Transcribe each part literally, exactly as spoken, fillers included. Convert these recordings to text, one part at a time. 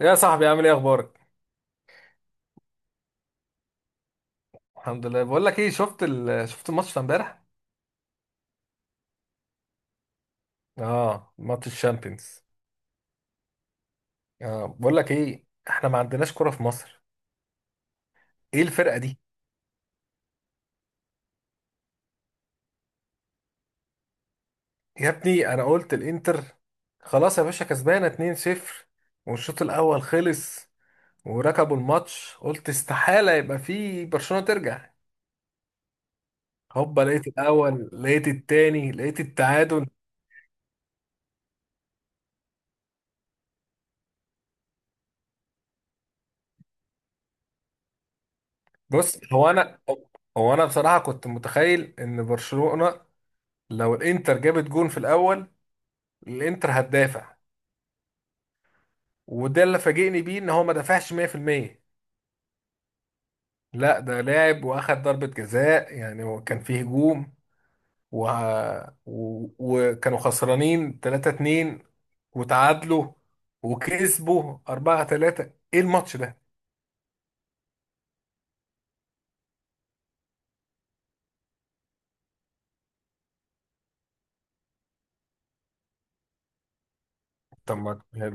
يا صاحبي، عامل ايه؟ اخبارك؟ الحمد لله. بقول لك ايه، شفت ال... شفت الماتش بتاع امبارح؟ اه، ماتش الشامبيونز. اه، بقول لك ايه، احنا ما عندناش كرة في مصر. ايه الفرقة دي؟ يا ابني، انا قلت الانتر. خلاص يا باشا، كسبانة اتنين صفر والشوط الاول خلص، وركبوا الماتش، قلت استحالة يبقى في برشلونة ترجع. هوبا، لقيت الاول، لقيت التاني، لقيت التعادل. بص، هو انا هو انا بصراحة كنت متخيل ان برشلونة لو الانتر جابت جون في الاول، الانتر هتدافع، وده اللي فاجئني بيه ان هو ما دافعش مية في المية. لا، ده لاعب واخد ضربة جزاء، يعني هو كان فيه هجوم و... و... وكانوا خسرانين ثلاثة اثنين، وتعادلوا وكسبوا اربعة ثلاثة. ايه الماتش ده؟ طب ما، لا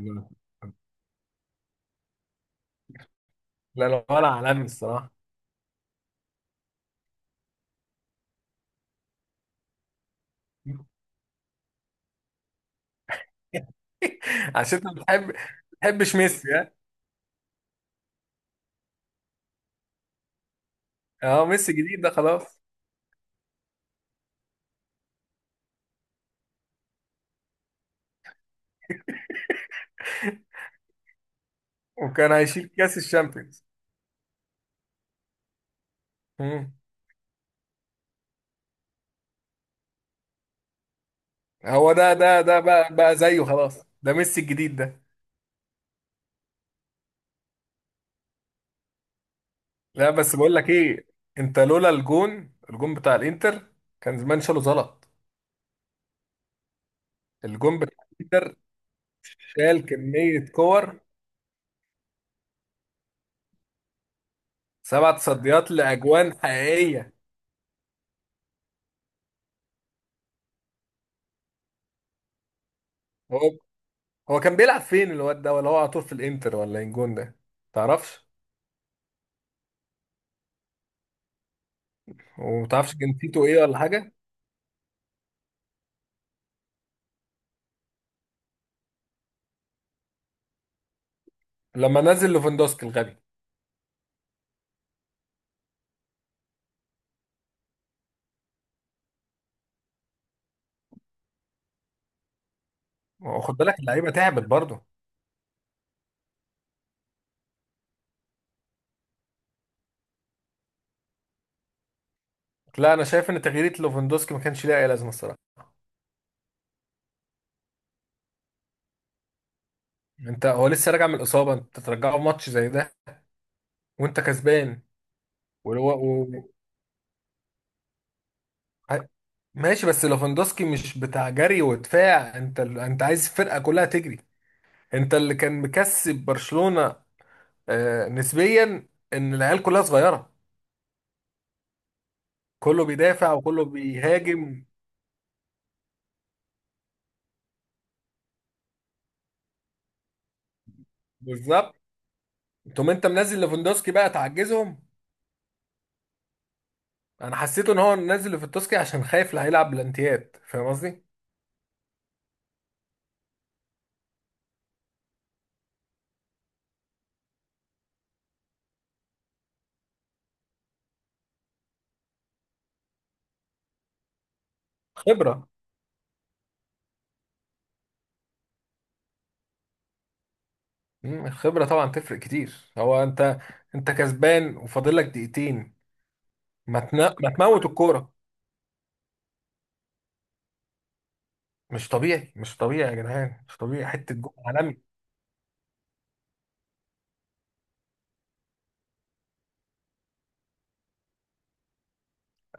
لا، ولا عالمي الصراحة. عشان انت بتحب ما بتحبش ميسي، ها؟ اه، ميسي جديد ده خلاص، وكان هيشيل كاس الشامبيونز. مم. هو ده ده ده بقى بقى زيه خلاص، ده ميسي الجديد ده. لا، بس بقول لك ايه، انت لولا الجون الجون بتاع الانتر، كان زمان شاله زلط. الجون بتاع الانتر شال كمية كور، سبع تصديات لاجوان حقيقية. هو هو كان بيلعب فين الواد ده؟ ولا هو على طول في الانتر؟ ولا إيه الجون ده؟ تعرفش؟ ومتعرفش جنسيته ايه ولا حاجة؟ لما نزل لوفندوسكي الغبي، هو خد بالك اللعيبة تعبت برضه. لا، انا شايف ان تغيير لوفندوسكي ما كانش ليها اي لازمة الصراحة. انت هو لسه راجع من الاصابة، انت ترجعه في ماتش زي ده؟ وانت كسبان؟ ع- ماشي، بس ليفاندوسكي مش بتاع جري ودفاع. انت ال- انت عايز الفرقه كلها تجري. انت اللي كان مكسب برشلونه، آه، نسبيا، ان العيال كلها صغيره، كله بيدافع وكله بيهاجم. بالظبط، تقوم انت منزل ليفاندوسكي بقى تعجزهم. انا حسيت ان هو منزل ليفاندوسكي عشان خايف اللي هيلعب بلانتيات، فاهم قصدي؟ خبره. مم، الخبره طبعا تفرق كتير. هو انت انت كسبان وفاضل لك دقيقتين. ما تنا... ما تموت الكوره. مش طبيعي، مش طبيعي يا جدعان، مش طبيعي، حته جول عالمي.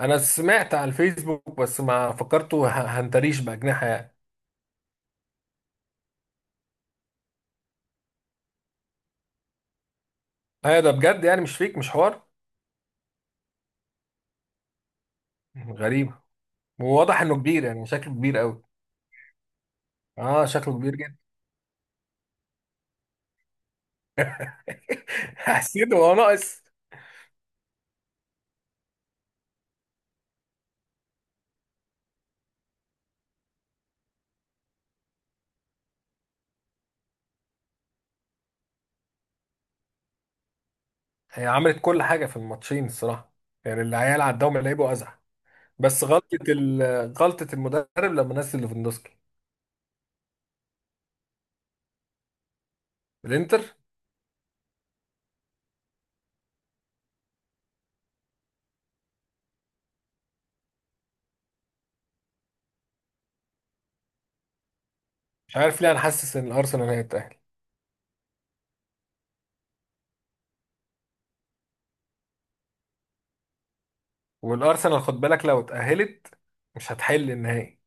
انا سمعت على الفيسبوك، بس ما فكرته ه- هنتريش باجنحه يعني. ايوه، ده بجد يعني، مش فيك، مش حوار. غريب. وواضح انه كبير، يعني شكله كبير قوي. اه، شكله كبير جدا. حسيت هو ناقص. هي عملت كل حاجه في الماتشين الصراحه، يعني العيال عداهم لعيبه ازعه. بس غلطه ال... غلطه المدرب، لما نزل ليفاندوسكي الانتر. مش عارف ليه، انا حاسس ان الارسنال هيتاهل. والارسنال خد بالك لو اتاهلت، مش هتحل النهائي.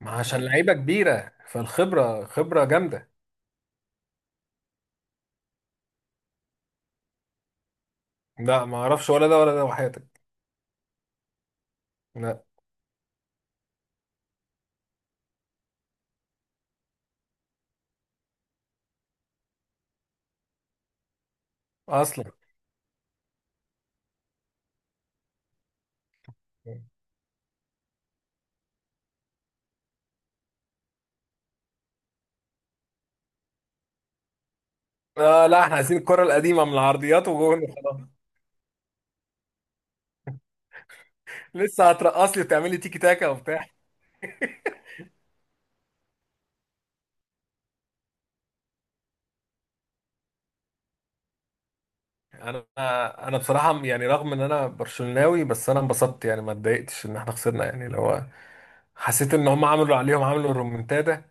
ما عشان لعيبه كبيره، فالخبره خبره جامده. لا، ما اعرفش ولا ده ولا ده وحياتك. لا. اصلا. آه لا، احنا عايزين الكره القديمه، من العرضيات وجون خلاص. لسه هترقص لي وتعمل لي تيكي تاكا وبتاع؟ انا انا بصراحه يعني، رغم ان انا برشلوناوي، بس انا انبسطت يعني، ما اتضايقتش ان احنا خسرنا، يعني لو حسيت ان هم عملوا عليهم، عملوا الرومنتادا.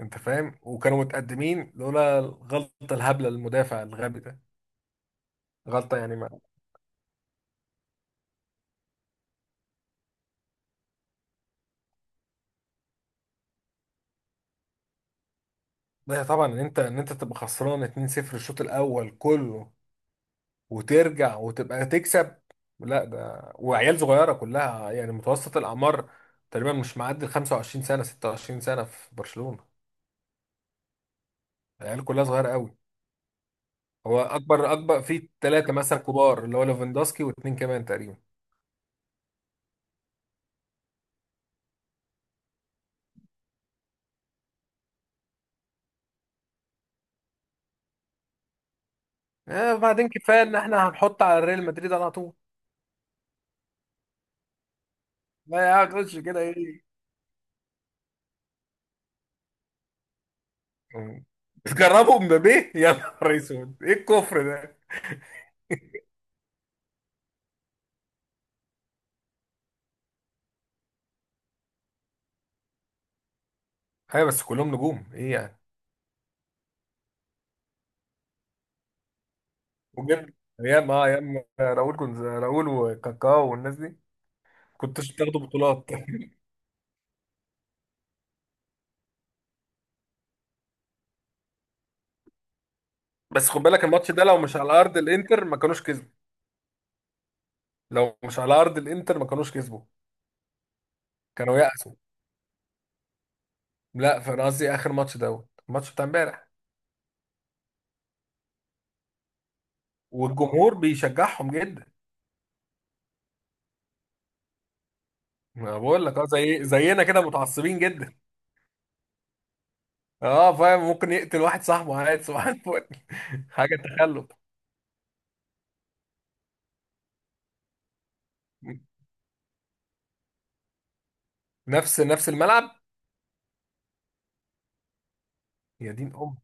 انت فاهم، وكانوا متقدمين لولا الغلطه الهبله، المدافع الغبي ده. غلطه يعني. لا طبعا، ان انت ان انت تبقى خسران اتنين صفر الشوط الاول كله، وترجع وتبقى تكسب. لا، ده وعيال صغيره كلها، يعني متوسط الاعمار تقريبا مش معدي ال خمسة وعشرين سنه ستة وعشرين سنه في برشلونه، العيال كلها صغيره قوي. هو اكبر اكبر في ثلاثه مثلا كبار، اللي هو ليفاندوسكي واثنين كمان تقريبا. آه، بعدين كفايه ان احنا هنحط على ريال مدريد على طول. لا يا عم، تقولش كده ايه؟ تجربوا مبابي؟ يا نهار اسود، ايه الكفر ده؟ ايوه، بس كلهم نجوم ايه يعني؟ وجبت؟ ايام اه ايام آه، راؤول، كنت راؤول وكاكاو والناس دي. كنتش بتاخدوا بطولات؟ بس خد بالك، الماتش ده لو مش على ارض الانتر ما كانوش كسبوا، لو مش على ارض الانتر ما كانوش كسبوا، كانوا يأسوا. لا، فانا قصدي اخر ماتش، دوت الماتش بتاع امبارح. والجمهور بيشجعهم جدا. ما بقول لك، اه زي زينا كده، متعصبين جدا. اه فاهم، ممكن يقتل واحد صاحبه عادي صباح الفل. حاجه تخلف. نفس نفس الملعب. يا دين ام.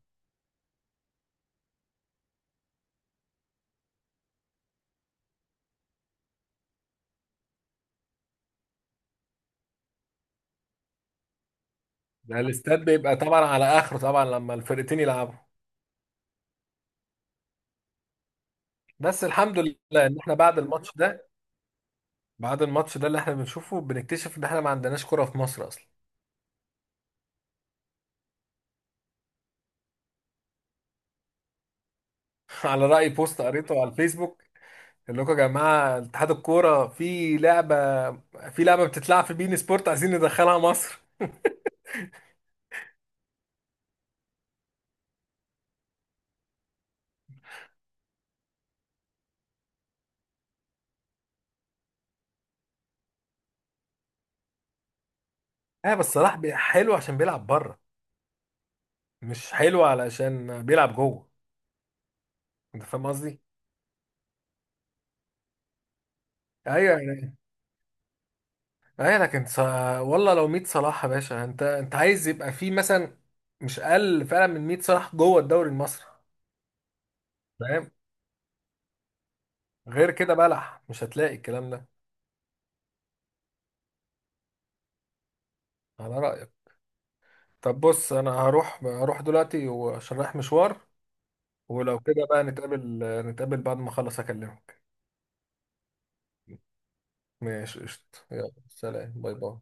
ده الاستاد بيبقى طبعا على اخره طبعا، لما الفرقتين يلعبوا. بس الحمد لله ان احنا، بعد الماتش ده بعد الماتش ده اللي احنا بنشوفه، بنكتشف ان احنا ما عندناش كرة في مصر اصلا. على رأي بوست قريته على الفيسبوك، اللي لكم يا جماعة اتحاد الكورة، في لعبة في لعبة بتتلعب في بين سبورت، عايزين ندخلها مصر. اه بس صلاح بي- حلو عشان بيلعب بره، مش حلو علشان بيلعب جوه. انت فاهم قصدي؟ ايوه يعني، ايوه لكن ص... والله لو ميت صلاح يا باشا، انت انت عايز يبقى في مثلا مش اقل فعلا من مية صلاح جوه الدوري المصري. فاهم؟ غير كده بلح، مش هتلاقي الكلام ده. على رأيك. طب بص، انا هروح هروح دلوقتي وعشان رايح مشوار. ولو كده بقى نتقابل، نتقابل بعد ما اخلص اكلمك. ماشي قشطة، يلا سلام، باي باي.